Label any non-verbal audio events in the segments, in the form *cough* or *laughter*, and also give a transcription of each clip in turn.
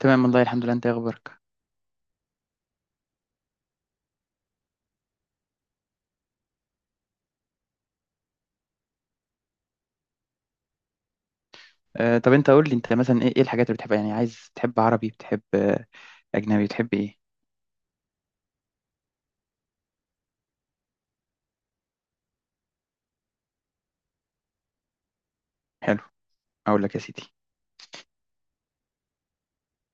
تمام والله، الحمد لله. انت إيه اخبارك؟ آه، طب انت قول لي، انت مثلا ايه الحاجات اللي بتحبها؟ يعني عايز تحب عربي، بتحب، اجنبي، بتحب ايه؟ حلو. اقول لك يا سيدي،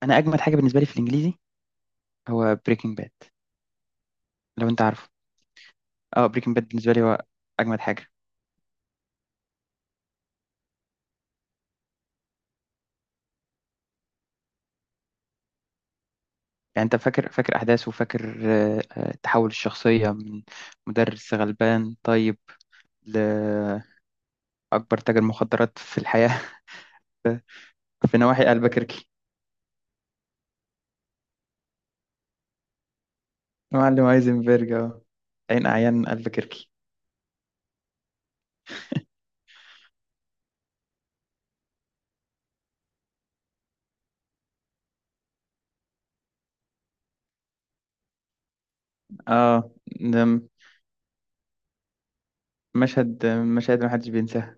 انا اجمد حاجه بالنسبه لي في الانجليزي هو بريكنج باد. لو انت عارفه. اه، بريكنج باد بالنسبه لي هو اجمد حاجه. يعني انت فاكر احداثه وفاكر، تحول الشخصيه من مدرس غلبان طيب لاكبر تاجر مخدرات في الحياه. *laughs* في نواحي البكركي. معلم هايزنبرج، اه، عين اعيان البكركي. اه، نعم. مشاهد ما حدش بينساها.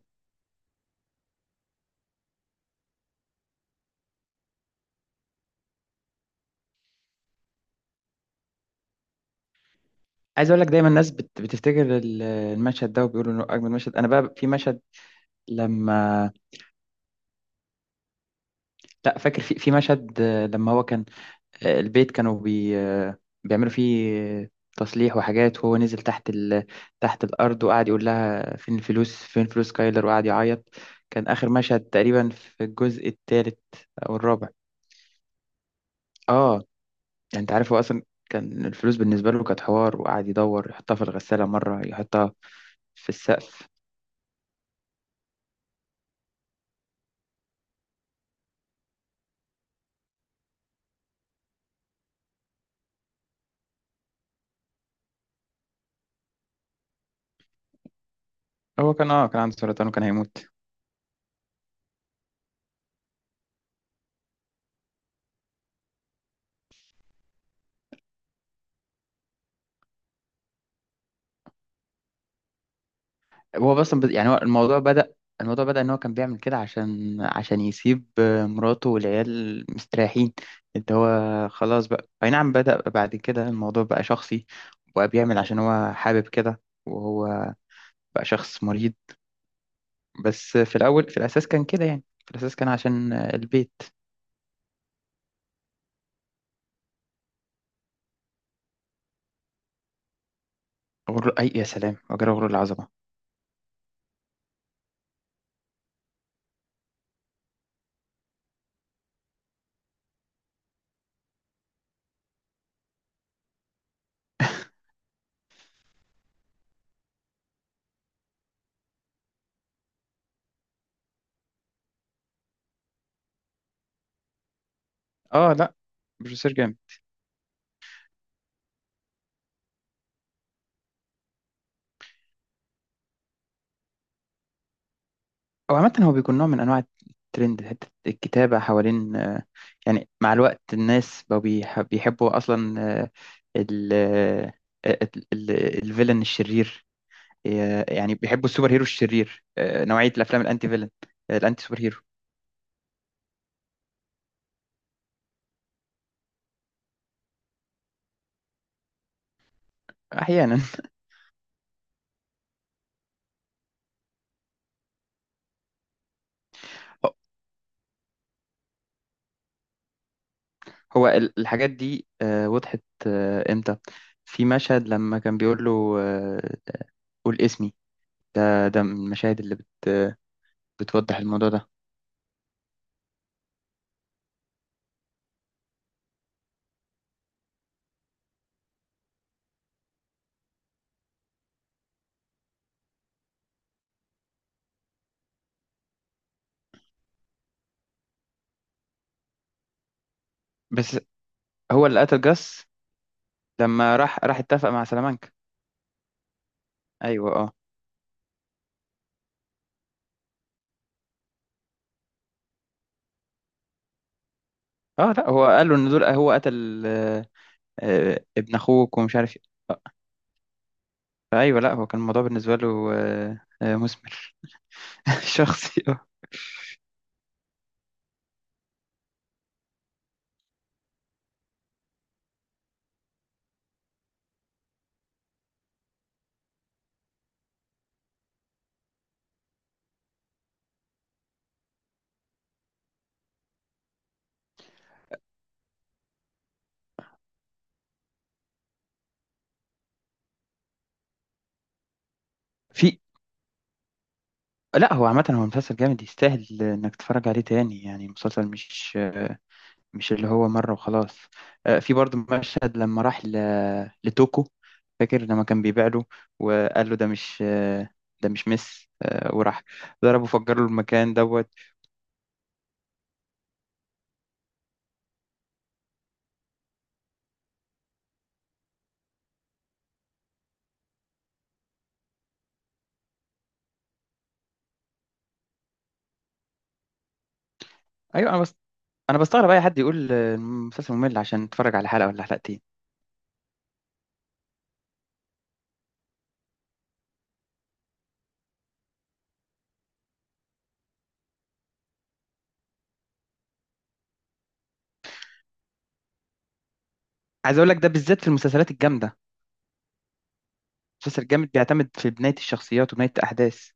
عايز اقول لك، دايما الناس بتفتكر المشهد ده وبيقولوا انه اجمل مشهد. انا بقى في مشهد لما، لا، فاكر في مشهد، لما هو كان، البيت كانوا بي... آه، بيعملوا فيه، آه، تصليح وحاجات، وهو نزل تحت تحت الارض، وقعد يقول لها فين الفلوس، فين فلوس كايلر، وقعد يعيط. كان اخر مشهد تقريبا في الجزء الثالث او الرابع، اه. يعني انت عارف، هو اصلا كان الفلوس بالنسبه له كانت حوار، وقعد يدور يحطها في الغساله مره، يحطها في السقف. هو كان عنده سرطان وكان هيموت. هو اصلا يعني هو الموضوع بدأ ان هو كان بيعمل كده عشان يسيب، مراته والعيال مستريحين، اللي هو خلاص. بقى اي نعم، بدأ بعد كده الموضوع بقى شخصي، وبقى بيعمل عشان هو حابب كده، وهو بقى شخص مريض. بس في الاول، في الاساس كان كده، يعني في الاساس كان عشان، البيت. غرور، اي يا سلام، وجرى غرور العظمه. اه، لا، بروفيسور جامد. او عامه هو بيكون نوع من انواع الترند، حته الكتابه حوالين، يعني مع الوقت الناس بقوا بيحبوا اصلا، ال آه، ال- ال- الفيلن الشرير. يعني بيحبوا السوبر هيرو الشرير، نوعيه الافلام الانتي فيلن، الانتي سوبر هيرو. احيانا. *laughs* هو الحاجات دي وضحت امتى؟ في مشهد لما كان بيقول له، قول اسمي. ده من المشاهد اللي بتوضح الموضوع ده. بس هو اللي قتل جاس لما راح اتفق مع سلامانكا. ايوه، اه. اه، لا، هو قال له ان دول هو قتل، ابن اخوك ومش عارف إيه. ايوه، لا، هو كان الموضوع بالنسبه له مثمر. *laughs* شخصي، اه. في، لا، هو عامه هو مسلسل جامد، يستاهل انك تتفرج عليه تاني. يعني مسلسل مش، مش اللي هو مره وخلاص. في برضه مشهد لما راح لتوكو. فاكر لما كان بيبيع له، وقال له ده مش، ده مش مس آه، وراح ضربه، فجر له المكان دوت. ايوه، انا بس، انا بستغرب اي حد يقول المسلسل ممل عشان اتفرج على حلقه ولا حلقتين. عايز اقول لك، ده بالذات في المسلسلات الجامده. المسلسل الجامد بيعتمد في بنايه الشخصيات وبنايه الاحداث.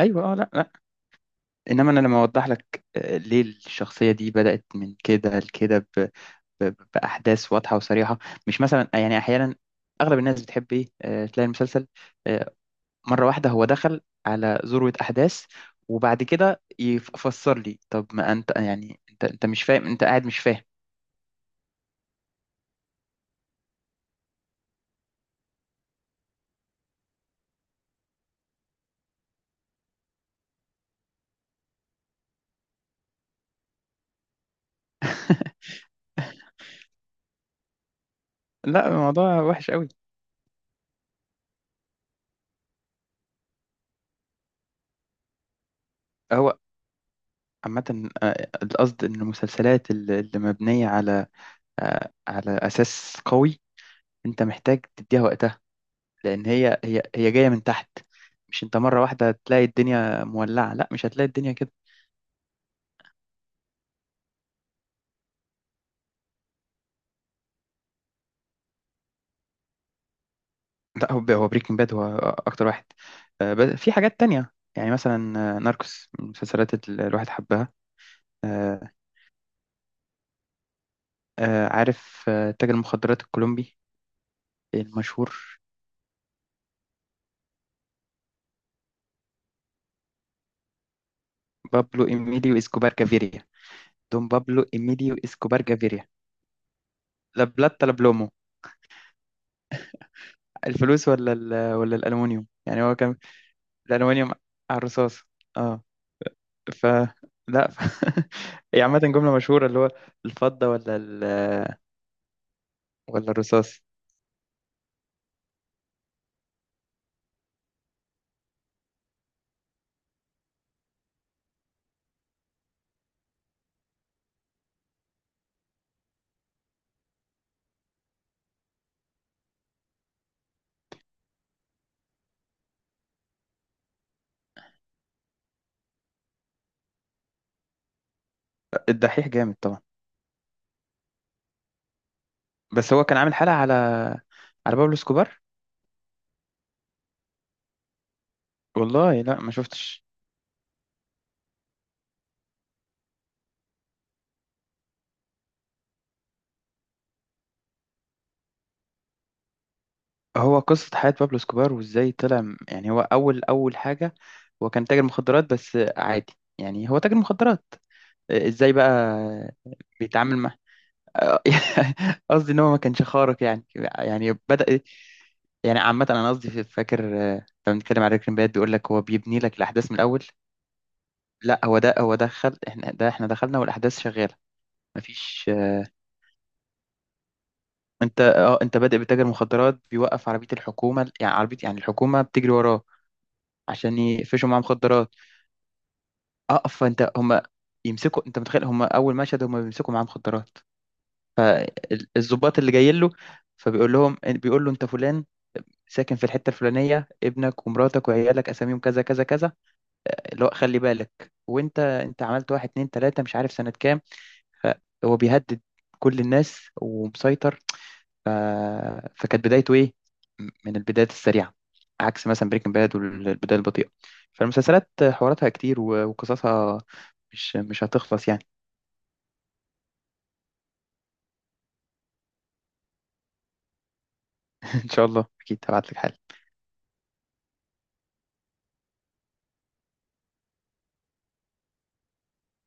ايوه، اه. لا، لا، انما انا لما اوضح لك، ليه الشخصيه دي بدات من كده لكده باحداث واضحه وصريحه. مش مثلا يعني احيانا اغلب الناس بتحب ايه، تلاقي المسلسل، آه، مره واحده هو دخل على ذروه احداث، وبعد كده يفسر لي. طب ما انت، يعني انت مش فاهم، انت قاعد مش فاهم. لا، الموضوع وحش قوي. هو عامة، القصد إن المسلسلات اللي مبنية على، على أساس قوي، أنت محتاج تديها وقتها. لأن هي هي جاية من تحت، مش أنت مرة واحدة تلاقي الدنيا مولعة. لا، مش هتلاقي الدنيا كده. لا، هو هو بريكنج باد، هو أكتر واحد. بس في حاجات تانية، يعني مثلا، ناركوس من المسلسلات اللي الواحد حبها. آه، عارف، تاجر المخدرات الكولومبي المشهور، بابلو إيميليو إسكوبار كافيريا. دون بابلو إيميليو إسكوبار جافيريا. لا بلاتا، لا بلومو. الفلوس ولا ولا الألمونيوم، يعني هو كان. الألمونيوم على الرصاص. اه. ف لا، *laughs* هي عامة جملة مشهورة، اللي هو الفضة ولا ولا الرصاص. الدحيح جامد طبعا. بس هو كان عامل حلقة على بابلو اسكوبار. والله، لا، ما شفتش. هو قصة حياة بابلو اسكوبار، وازاي طلع، يعني هو أول أول حاجة، هو كان تاجر مخدرات بس عادي. يعني هو تاجر مخدرات ازاي بقى بيتعامل مع. *laughs* قصدي ان هو ما كانش خارق يعني. يعني بدأ، يعني عامة، انا قصدي فاكر، لما بنتكلم على بريكنج باد بيقول لك هو بيبني لك الاحداث من الاول. لا، هو ده، هو دخل احنا، ده احنا دخلنا والاحداث شغالة، مفيش، انت بادئ بتاجر مخدرات بيوقف عربية الحكومة. يعني عربية، يعني الحكومة بتجري وراه عشان يقفشوا معاه مخدرات. اقف، فانت هم يمسكوا. انت متخيل هم اول مشهد هم بيمسكوا معاه مخدرات، الضباط اللي جايين له؟ فبيقول لهم، بيقول له انت فلان، ساكن في الحته الفلانيه، ابنك ومراتك وعيالك اساميهم كذا كذا كذا، اللي هو خلي بالك وانت عملت واحد، اتنين، تلاته، مش عارف سنه كام. فهو بيهدد كل الناس ومسيطر. ف... فكانت بدايته ايه؟ من البدايات السريعه، عكس مثلا بريكنج باد والبدايه البطيئه. فالمسلسلات حواراتها كتير، وقصصها مش هتخلص يعني. *laughs* ان شاء الله اكيد هبعت لك حل.